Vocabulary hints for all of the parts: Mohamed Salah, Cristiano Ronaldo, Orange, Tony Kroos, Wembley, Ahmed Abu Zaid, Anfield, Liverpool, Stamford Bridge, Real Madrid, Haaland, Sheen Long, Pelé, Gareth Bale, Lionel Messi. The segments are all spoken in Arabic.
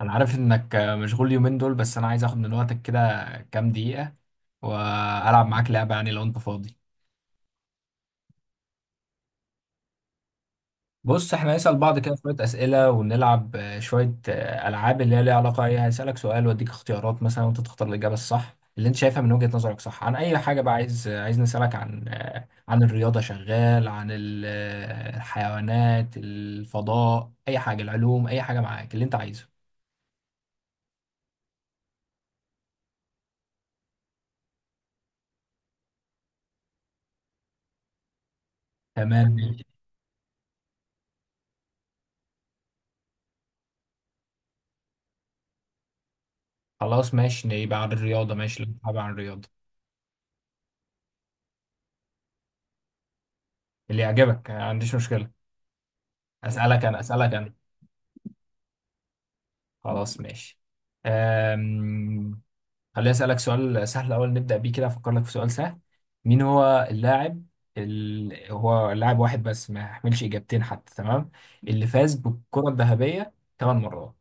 انا عارف انك مشغول اليومين دول، بس انا عايز اخد من وقتك كده كام دقيقة والعب معاك لعبة، يعني لو انت فاضي. بص، احنا هنسأل بعض كده شوية أسئلة، ونلعب شوية ألعاب اللي هي ليها علاقة. ايه، هسألك سؤال واديك اختيارات مثلا، وانت تختار الإجابة الصح اللي انت شايفها من وجهة نظرك. صح، عن اي حاجة بقى عايز نسألك عن الرياضة؟ شغال عن الحيوانات، الفضاء، اي حاجة، العلوم، اي حاجة معاك اللي انت عايزه. تمام ماشي. خلاص ماشي، يبقى عن الرياضة. ماشي لو انت حابب عن الرياضة اللي يعجبك. ما عنديش مشكلة. أسألك أنا. خلاص ماشي. أم... خليني أسألك سؤال سهل أول نبدأ بيه كده، أفكر لك في سؤال سهل. مين هو اللاعب هو لاعب واحد بس، ما يحملش إجابتين حتى، تمام، اللي فاز بالكرة الذهبية ثمان مرات؟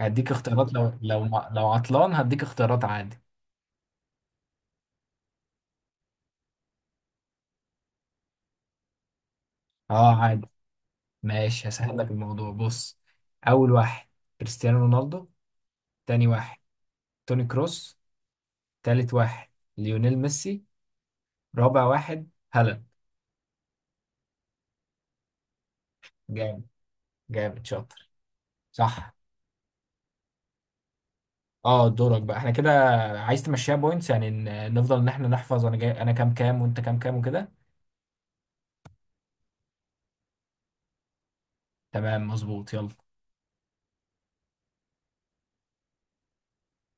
هديك اختيارات، لو لو ما... لو عطلان هديك اختيارات عادي. اه عادي، ماشي هسهل لك الموضوع. بص، أول واحد كريستيانو رونالدو، تاني واحد توني كروس، تالت واحد ليونيل ميسي، رابع واحد هلا. جامد، جامد شاطر. صح. اه دورك بقى، احنا كده. عايز تمشيها بوينتس يعني، نفضل ان احنا نحفظ، انا جاي انا كام كام وانت كام كام وكده. تمام مظبوط، يلا.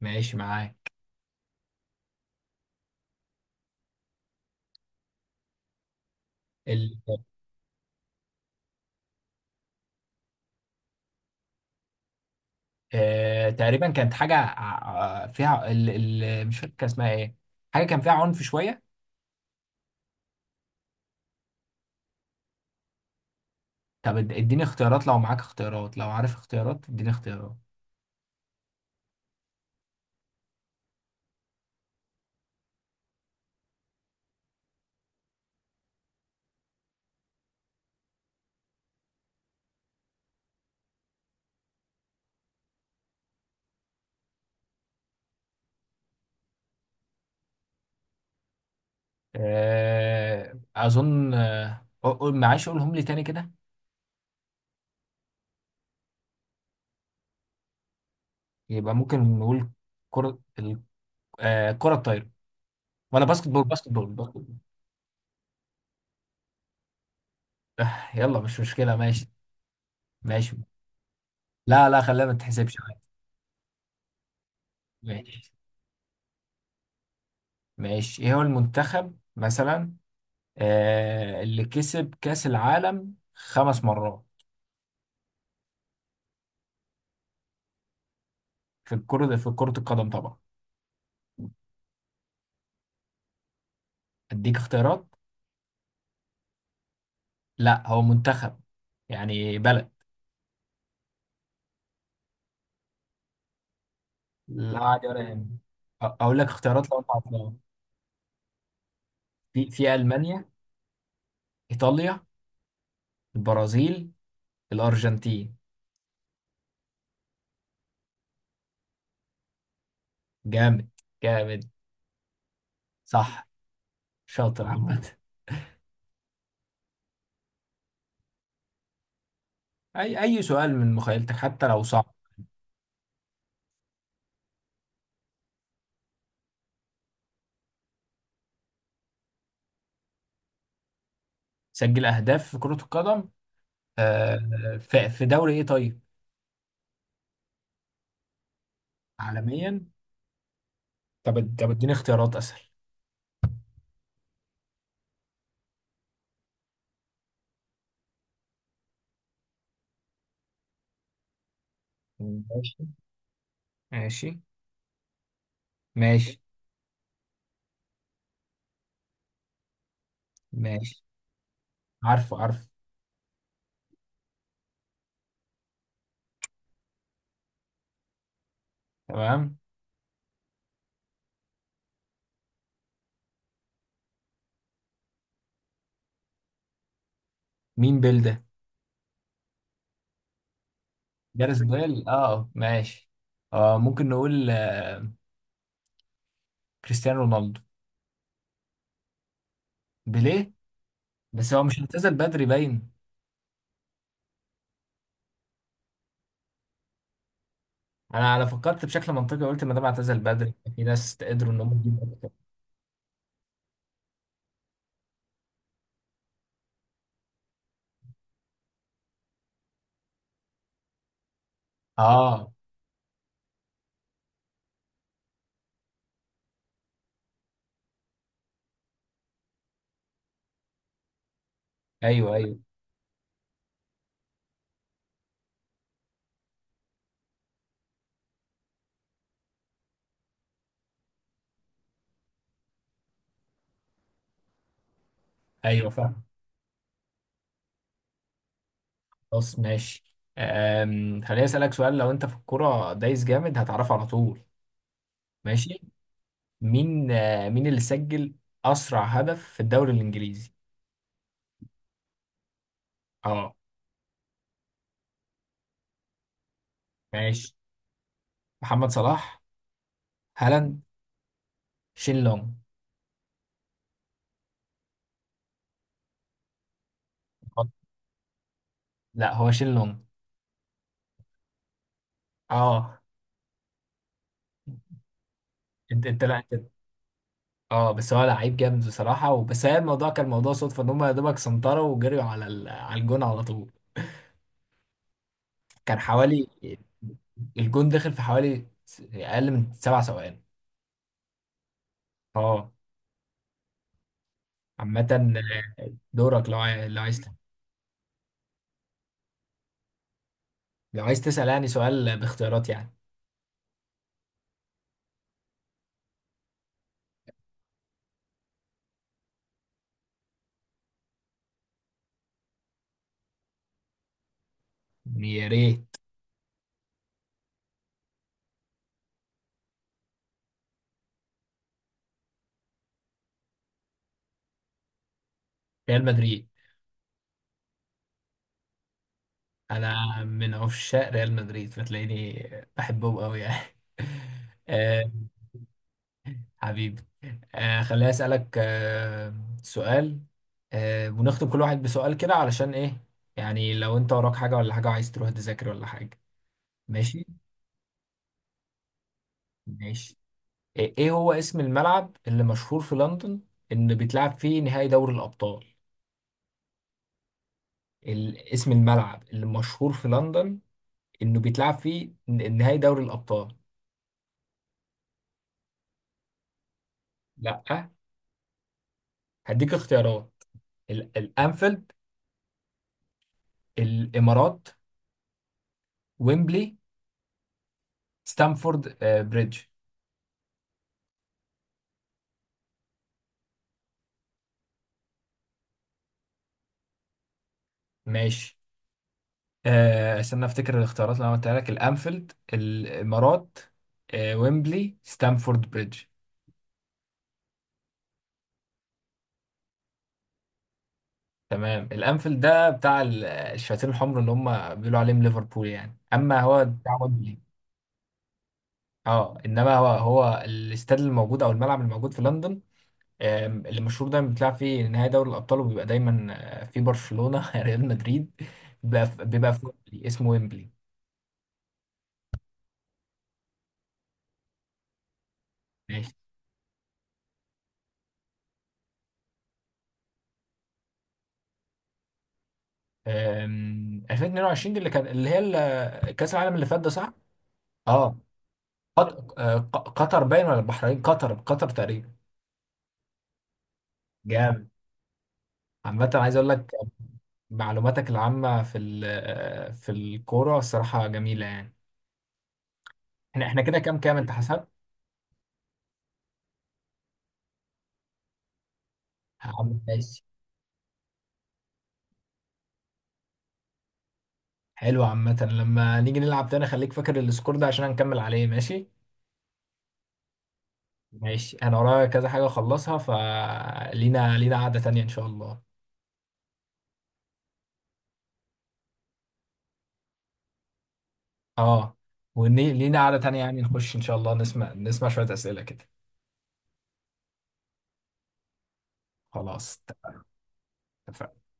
ماشي معاك. ال... تقريبا كانت حاجة فيها مش فاكر كان اسمها ايه، حاجة كان فيها عنف شوية. طب اديني اختيارات، لو معاك اختيارات، لو عارف اختيارات اديني اختيارات. اظن، معلش قولهم لي تاني كده. يبقى ممكن نقول كرة، كرة الطايرة، ولا باسكت بول باسكت بول؟ يلا مش مشكلة، ماشي. ماشي، لا لا، خلينا ما تحسبش عادي. ماشي. ماشي، ايه هو المنتخب مثلا، اللي كسب كأس العالم خمس مرات في الكرة، في كرة القدم طبعا؟ اديك اختيارات. لا، هو منتخب، يعني بلد. لا عادي ولا يعني، اقول لك اختيارات لو انت عارفها. في المانيا، ايطاليا، البرازيل، الارجنتين. جامد، جامد. صح، شاطر. عامة اي سؤال من مخيلتك، حتى لو صعب. سجل اهداف في كرة القدم، في دوري ايه طيب؟ عالميا؟ طب اديني اختيارات اسهل. ماشي، ماشي، ماشي، ماشي. عارفه، عارفه. تمام. مين بيل ده؟ جاريث بيل، اه ماشي. آه ممكن نقول، كريستيانو رونالدو. بيليه؟ بس هو مش اعتزل بدري باين؟ انا فكرت بشكل منطقي، قلت ما دام اعتزل بدري، في ناس قدروا ان هم يجيبوا اكتر. اه ايوه، ايوه، ايوه فاهم. خلاص ماشي. خليني أسألك سؤال، لو أنت في الكرة دايس جامد هتعرفه على طول. ماشي. مين، مين اللي سجل أسرع هدف في الدوري الإنجليزي؟ أه. ماشي، محمد صلاح، هالاند، شين لونج. آه، لا هو شين لونج. أه. أنت أنت لا أنت. أه، بس هو لعيب جامد بصراحة، وبس هي الموضوع كان موضوع صدفة، إن هم يا دوبك سنطروا وجريوا على على الجون على طول. كان حوالي، الجون دخل في حوالي أقل من سبع ثواني. أه، عامة دورك، لو عايز. لو عايز تسأل يعني سؤال باختيارات يعني. يا ريت. ريال مدريد. انا من عشاق ريال مدريد، فتلاقيني بحبهم قوي يعني. آه حبيبي. خليني أسألك سؤال، ونختم كل واحد بسؤال كده علشان ايه، يعني لو انت وراك حاجة ولا حاجة، عايز تروح تذاكر ولا حاجة. ماشي. ماشي، ايه، إيه هو اسم الملعب اللي مشهور في لندن، ان بيتلعب فيه نهائي دوري الأبطال؟ اسم الملعب اللي مشهور في لندن، انه بيتلعب فيه نهائي دوري الابطال. لا، هديك اختيارات. الانفيلد، الامارات، ويمبلي، ستامفورد بريدج. ماشي، استنى افتكر الاختيارات اللي انا قلتها لك، الانفيلد، الامارات، ويمبلي، ستامفورد بريدج. تمام، الانفيلد ده بتاع الشياطين الحمر اللي هم بيقولوا عليهم ليفربول يعني، اما هو بتاع ويمبلي. اه انما هو، الاستاد الموجود او الملعب الموجود في لندن، المشهور ده، بيتلعب في نهائي دوري الأبطال، وبيبقى دايما في برشلونة ريال مدريد، بيبقى في، ويمبلي، اسمه ويمبلي. ماشي. 2022 دي اللي كان، اللي هي كأس العالم اللي فات ده، صح؟ اه. قطر باين، ولا البحرين؟ قطر تقريبا. جامد. عامة عايز أقول لك، معلوماتك العامة في في الكورة الصراحة جميلة يعني. احنا كده كام كام، انت حسب؟ حلو، عامة لما نيجي نلعب تاني خليك فاكر السكور ده، عشان هنكمل عليه، ماشي. ماشي، انا ورايا كذا حاجة اخلصها، فلينا قعدة تانية ان شاء الله. اه، ولينا قعدة تانية يعني، نخش ان شاء الله، نسمع شوية اسئلة كده. خلاص، اتفقنا.